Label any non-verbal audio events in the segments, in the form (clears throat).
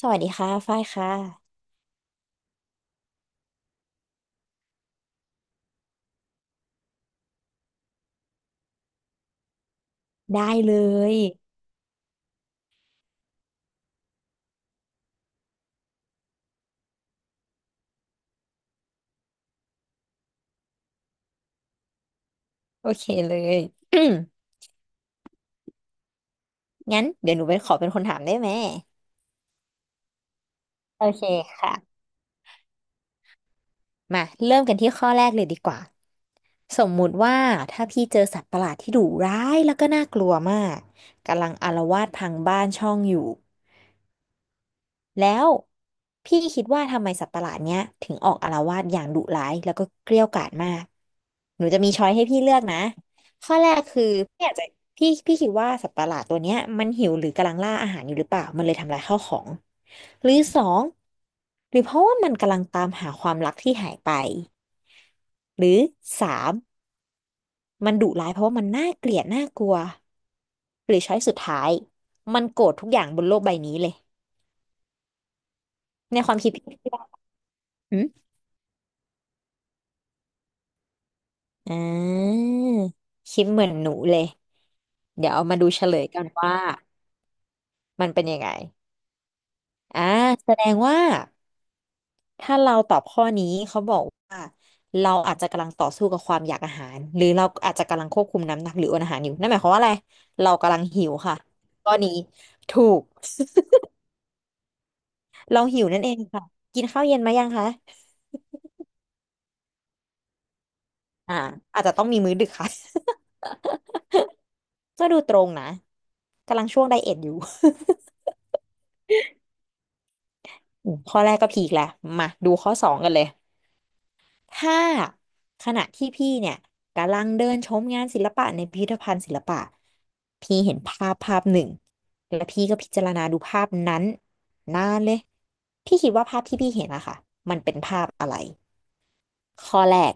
สวัสดีค่ะฝ้ายค่ะ ได้เลย โอเคเลย (clears throat) อืมงั้นเดี๋ยวหนูเป็นขอเป็นคนถามได้ไหม โอเคค่ะ มาเริ่มกันที่ข้อแรกเลยดีกว่า สมมุติว่าถ้าพี่เจอสัตว์ประหลาดที่ดุร้ายแล้วก็น่ากลัวมากกำลังอาละวาดพังบ้านช่องอยู่ แล้วพี่คิดว่าทำไมสัตว์ประหลาดเนี้ยถึงออกอาละวาดอย่างดุร้ายแล้วก็เกรี้ยวกราดมากหนูจะมีช้อยให้พี่เลือกนะข้อแรกคือพี่อาจจะพี่พี่คิดว่าสัตว์ประหลาดตัวเนี้ยมันหิวหรือกำลังล่าอาหารอยู่หรือเปล่ามันเลยทำลายข้าวของหรือสองหรือเพราะว่ามันกำลังตามหาความรักที่หายไปหรือสามมันดุร้ายเพราะว่ามันน่าเกลียดน่ากลัวหรือช้อยสุดท้ายมันโกรธทุกอย่างบนโลกใบนี้เลยในความคิดพี่คิดว่า อ่าคิดเหมือนหนูเลยเดี๋ยวเอามาดูเฉลยกันว่ามันเป็นยังไงอ่าแสดงว่าถ้าเราตอบข้อนี้เขาบอกว่าเราอาจจะกำลังต่อสู้กับความอยากอาหารหรือเราอาจจะกำลังควบคุมน้ำหนักหรืออดอาหารอยู่นั่นหมายความว่าอะไรเรากำลังหิวค่ะข้อนี้ถูก (laughs) เราหิวนั่นเองค่ะกินข้าวเย็นมายังคะอ่าอาจจะต้องมีมื้อดึกค่ะ (laughs) ก็ดูตรงนะกำลังช่วงไดเอทอยู่ (laughs) ข้อแรกก็พีคแล้วมาดูข้อสองกันเลย ถ้าขณะที่พี่เนี่ยกำลังเดินชมงานศิลปะในพิพิธภัณฑ์ศิลปะพี่เห็นภาพภาพหนึ่งแล้วพี่ก็พิจารณาดูภาพนั้นนานเลยพี่คิดว่าภาพที่พี่เห็นอะค่ะมันเป็นภาพอะไรข้อแรก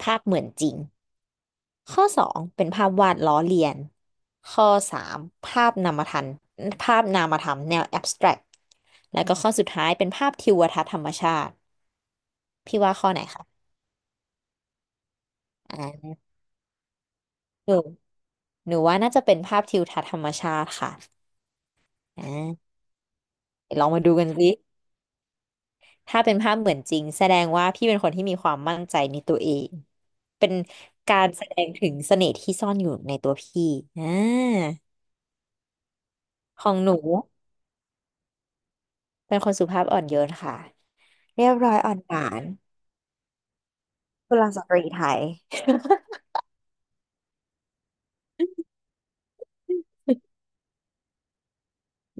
ภาพเหมือนจริงข้อสองเป็นภาพวาดล้อเลียนข้อสามภาพนามธรรมภาพนามธรรมแนวแอบสแตรกแล้วก็ข้อสุดท้ายเป็นภาพทิวทัศน์ธรรมชาติพี่ว่าข้อไหนคะอ่า หนูว่าน่าจะเป็นภาพทิวทัศน์ธรรมชาติค่ะอ่าเดี๋ยวลองมาดูกันสิถ้าเป็นภาพเหมือนจริงแสดงว่าพี่เป็นคนที่มีความมั่นใจในตัวเอง เป็นการแสดงถึงเสน่ห์ที่ซ่อนอยู่ในตัวพี่อ่าของหนูเป็นคนสุภาพอ่อนโยนค่ะเรียบร้อยอ่อนหวานกุลสตรีไทย (laughs)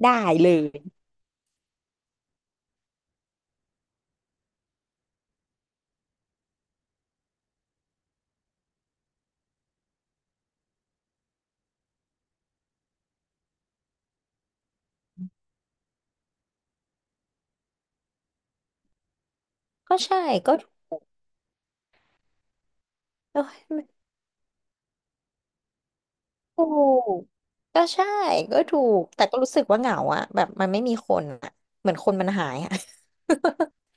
ได้เลยก็ใช่ก็โอ้ยมันถูกก็ใช่ก็ถูกแต่ก็รู้สึกว่าเหงาอะแบบมันไม่มีคนอะเหมือนคนมันหายอะ (laughs)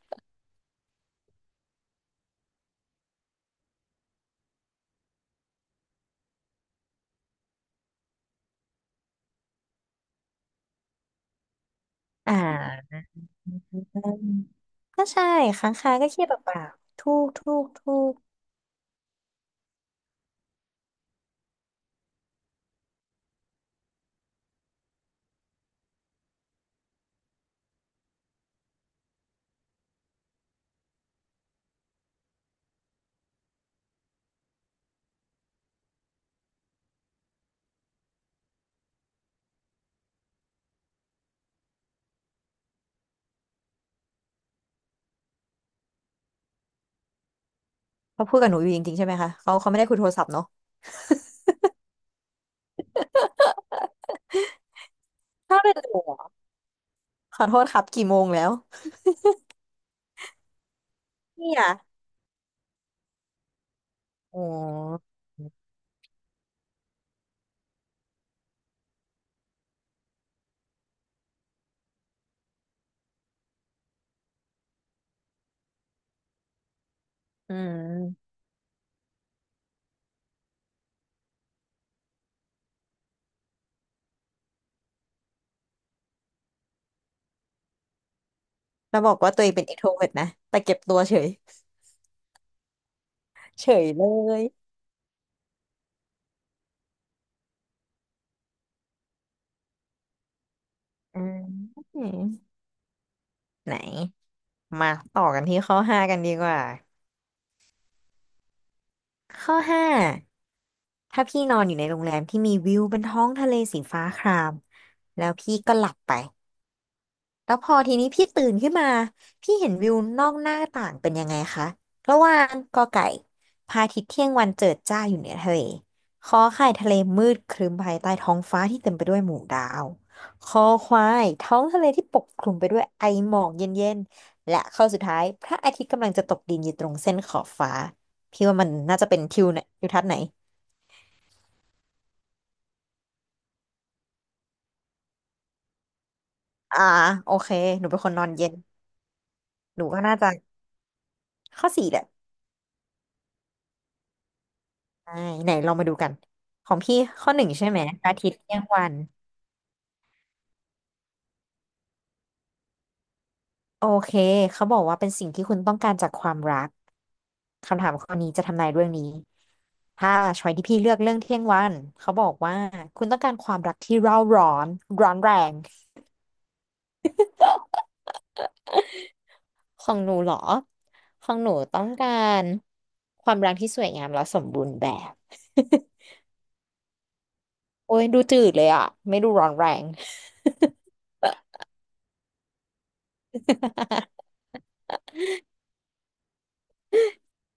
อ่าก็ใช่ค้างคาก็เครียดเปล่าๆถูกถูกถูกเขาพูดกับหนูอยู่จริงๆใช่ไหมคะเขาไม่ได้คุยโทรศัพท์เนาะถ้าเป็นหนูอะขอโทษครับกี่โมงแล้วเนี่ยอ๋ออืมแล้วบอกว่าตัวเองเป็น introvert นะแต่เก็บตัวเฉยเฉยเลยอืมไหนมาต่อกันที่ข้อห้ากันดีกว่าข้อห้าถ้าพี่นอนอยู่ในโรงแรมที่มีวิวบนท้องทะเลสีฟ้าครามแล้วพี่ก็หลับไป แล้วพอทีนี้พี่ตื่นขึ้นมาพี่เห็นวิวนอกหน้าต่างเป็นยังไงคะระหว่างกอไก่พระอาทิตย์เที่ยงวันเจิดจ้าอยู่เหนือทะเลขอไข่ทะเลมืดครึ้มภายใต้ท้องฟ้าที่เต็มไปด้วยหมู่ดาวคอควายท้องทะเลที่ปกคลุมไปด้วยไอหมอกเย็นๆและข้อสุดท้ายพระอาทิตย์กำลังจะตกดินอยู่ตรงเส้นขอบฟ้าพี่ว่ามันน่าจะเป็นทิวเนี่ยทิวทัศน์ไหนอ่าโอเคหนูเป็นคนนอนเย็นหนูก็น่าจะข้อสี่แหละ ใช่ไหนเรามาดูกันของพี่ข้อหนึ่งใช่ไหมอาทิตย์เที่ยงวันโอเคเขาบอกว่าเป็นสิ่งที่คุณต้องการจากความรักคำถามข้อนี้จะทำนายเรื่องนี้ถ้าช้อยที่พี่เลือกเรื่องเที่ยงวันเขาบอกว่าคุณต้องการความรักที่เร่าร้อนร้อนแรงของหนูเหรอของหนูต้องการความรักที่สวยงามและสมบูรณ์แบบ (laughs) โอ้ยดูจืดเลยอ่ะไม่ดูร้อนแรง (laughs)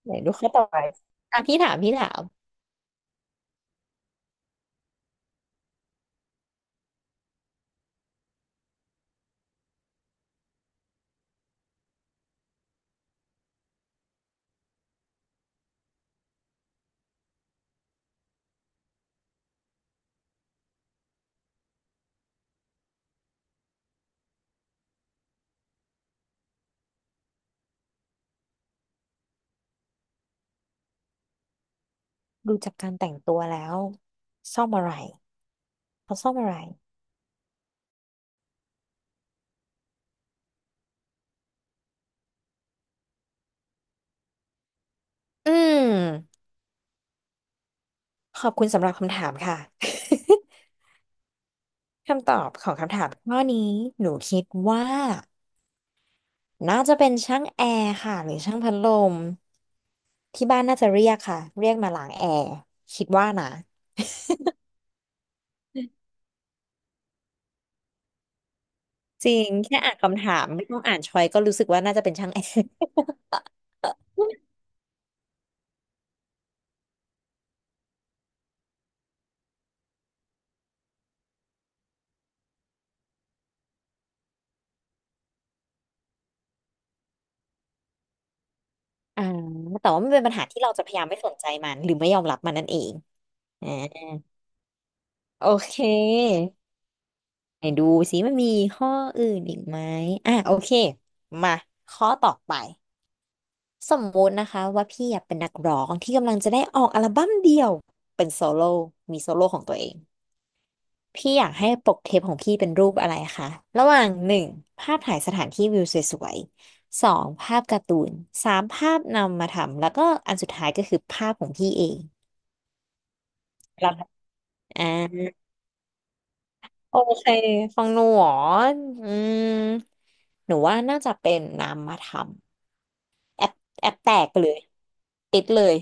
ไหนดูข้อต่อไปอ่ะพี่ถามพี่ถาม ดูจากการแต่งตัวแล้วซ่อมอะไรเขาซ่อมอะไรอืมขอบคุณสำหรับคำถามค่ะ (laughs) คำตอบของคำถามข้อนี้หนูคิดว่าน่าจะเป็นช่างแอร์ค่ะหรือช่างพัดลมที่บ้านน่าจะเรียกค่ะเรียกมาล้างแอร์คิดว่านะจริงแค่อ่านคำถามไม่ต้องอ่านชอยก็รู้สึกว่าน่าจะเป็นช่างแอร์ (laughs) อ่าแต่ว่ามันเป็นปัญหาที่เราจะพยายามไม่สนใจมันหรือไม่ยอมรับมันนั่นเองอ่าโอเค ไหนดูสิมันมีข้ออื่นอีกไหมอ่ะโอเคมาข้อต่อไปสมมุตินะคะว่าพี่อยากเป็นนักร้องที่กำลังจะได้ออกอัลบั้มเดี่ยวเป็นโซโล่มีโซโล่ของตัวเองพี่อยากให้ปกเทปของพี่เป็นรูปอะไรคะระหว่างหนึ่งภาพถ่ายสถานที่วิวสวยๆสองภาพการ์ตูนสามภาพนำมาทำแล้วก็อันสุดท้ายก็คือภาพของพี่เองแล้วอ่าโอเคฟังหนูหรออืมหนูว่าน่าจะเป็นนามธรรม แอปแอปแตกเลยติดเลย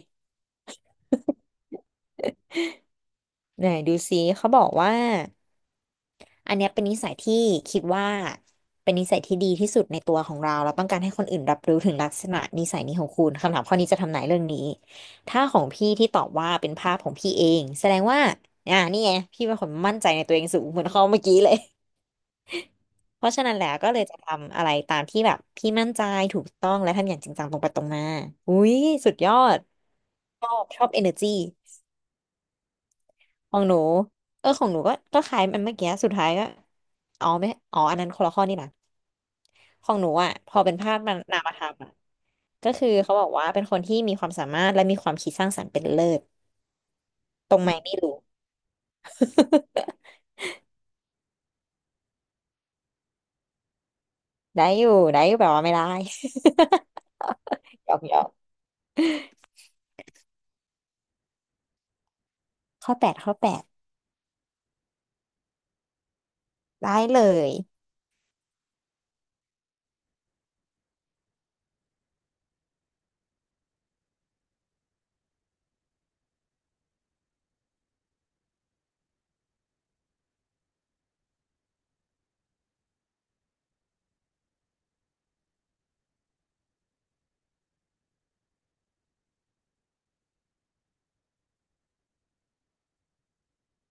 ไหนดูซิเขาบอกว่าอันเนี้ยเป็นนิสัยที่คิดว่าเป็นนิสัยที่ดีที่สุดในตัวของเราเราต้องการให้คนอื่นรับรู้ถึงลักษณะนิสัยนี้ของคุณคำถามข้อนี้จะทำนายเรื่องนี้ถ้าของพี่ที่ตอบว่าเป็นภาพของพี่เองแสดงว่านี่ไงพี่เป็นคนมั่นใจในตัวเองสูงเหมือนเขาเมื่อกี้เลย (laughs) เพราะฉะนั้นแล้วก็เลยจะทำอะไรตามที่แบบพี่มั่นใจถูกต้องและทำอย่างจริงจังตรงไปตรงมาอุ้ยสุดยอดชอบชอบ energy ของหนูเออของหนูก็คล้ายมันเมื่อกี้สุดท้ายก็อ๋อไม่อ๋ออันนั้นคนละข้อนี่นะของหนูอ่ะพอเป็นภาพมันนามธรรมอ่ะก็คือเขาบอกว่าเป็นคนที่มีความสามารถและมีความคิดสร้างสรรค์เป็นเลิศตรงไหมไม่รู้ (laughs) ได้อยู่ได้อยู่แบบว่าไม่ได้ (laughs) หยอกหยอกข้อแปดข้อแปดได้เลย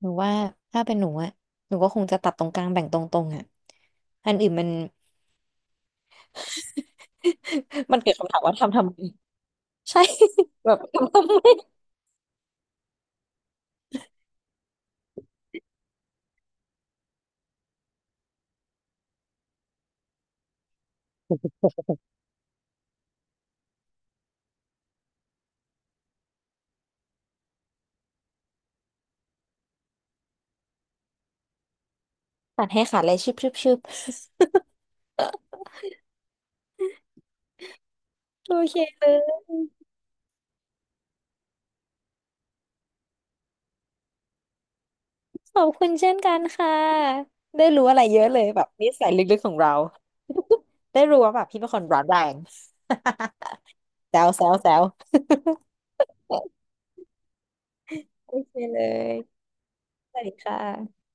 หนูว่าถ้าเป็นหนูอ่ะหนูก็คงจะตัดตรงกลางแบ่งตรงๆอ่ะอันอื่นมัน (laughs) มันเกิดคำถามว่าทำไมใช่ (laughs) แบบ (laughs) ทำไม ตัดให้ขาดเลยชึบชึบชึบโอเคเลยขอบคุณเช่นกันค่ะได้รู้อะไรเยอะเลยแบบนิสัยลึกๆของเรา (laughs) ได้รู้ว่าแบบพี่เป็นคนร้อนแรง (laughs) แซวแซวแซว (laughs) โอเคเลยสวัสดีค่ะ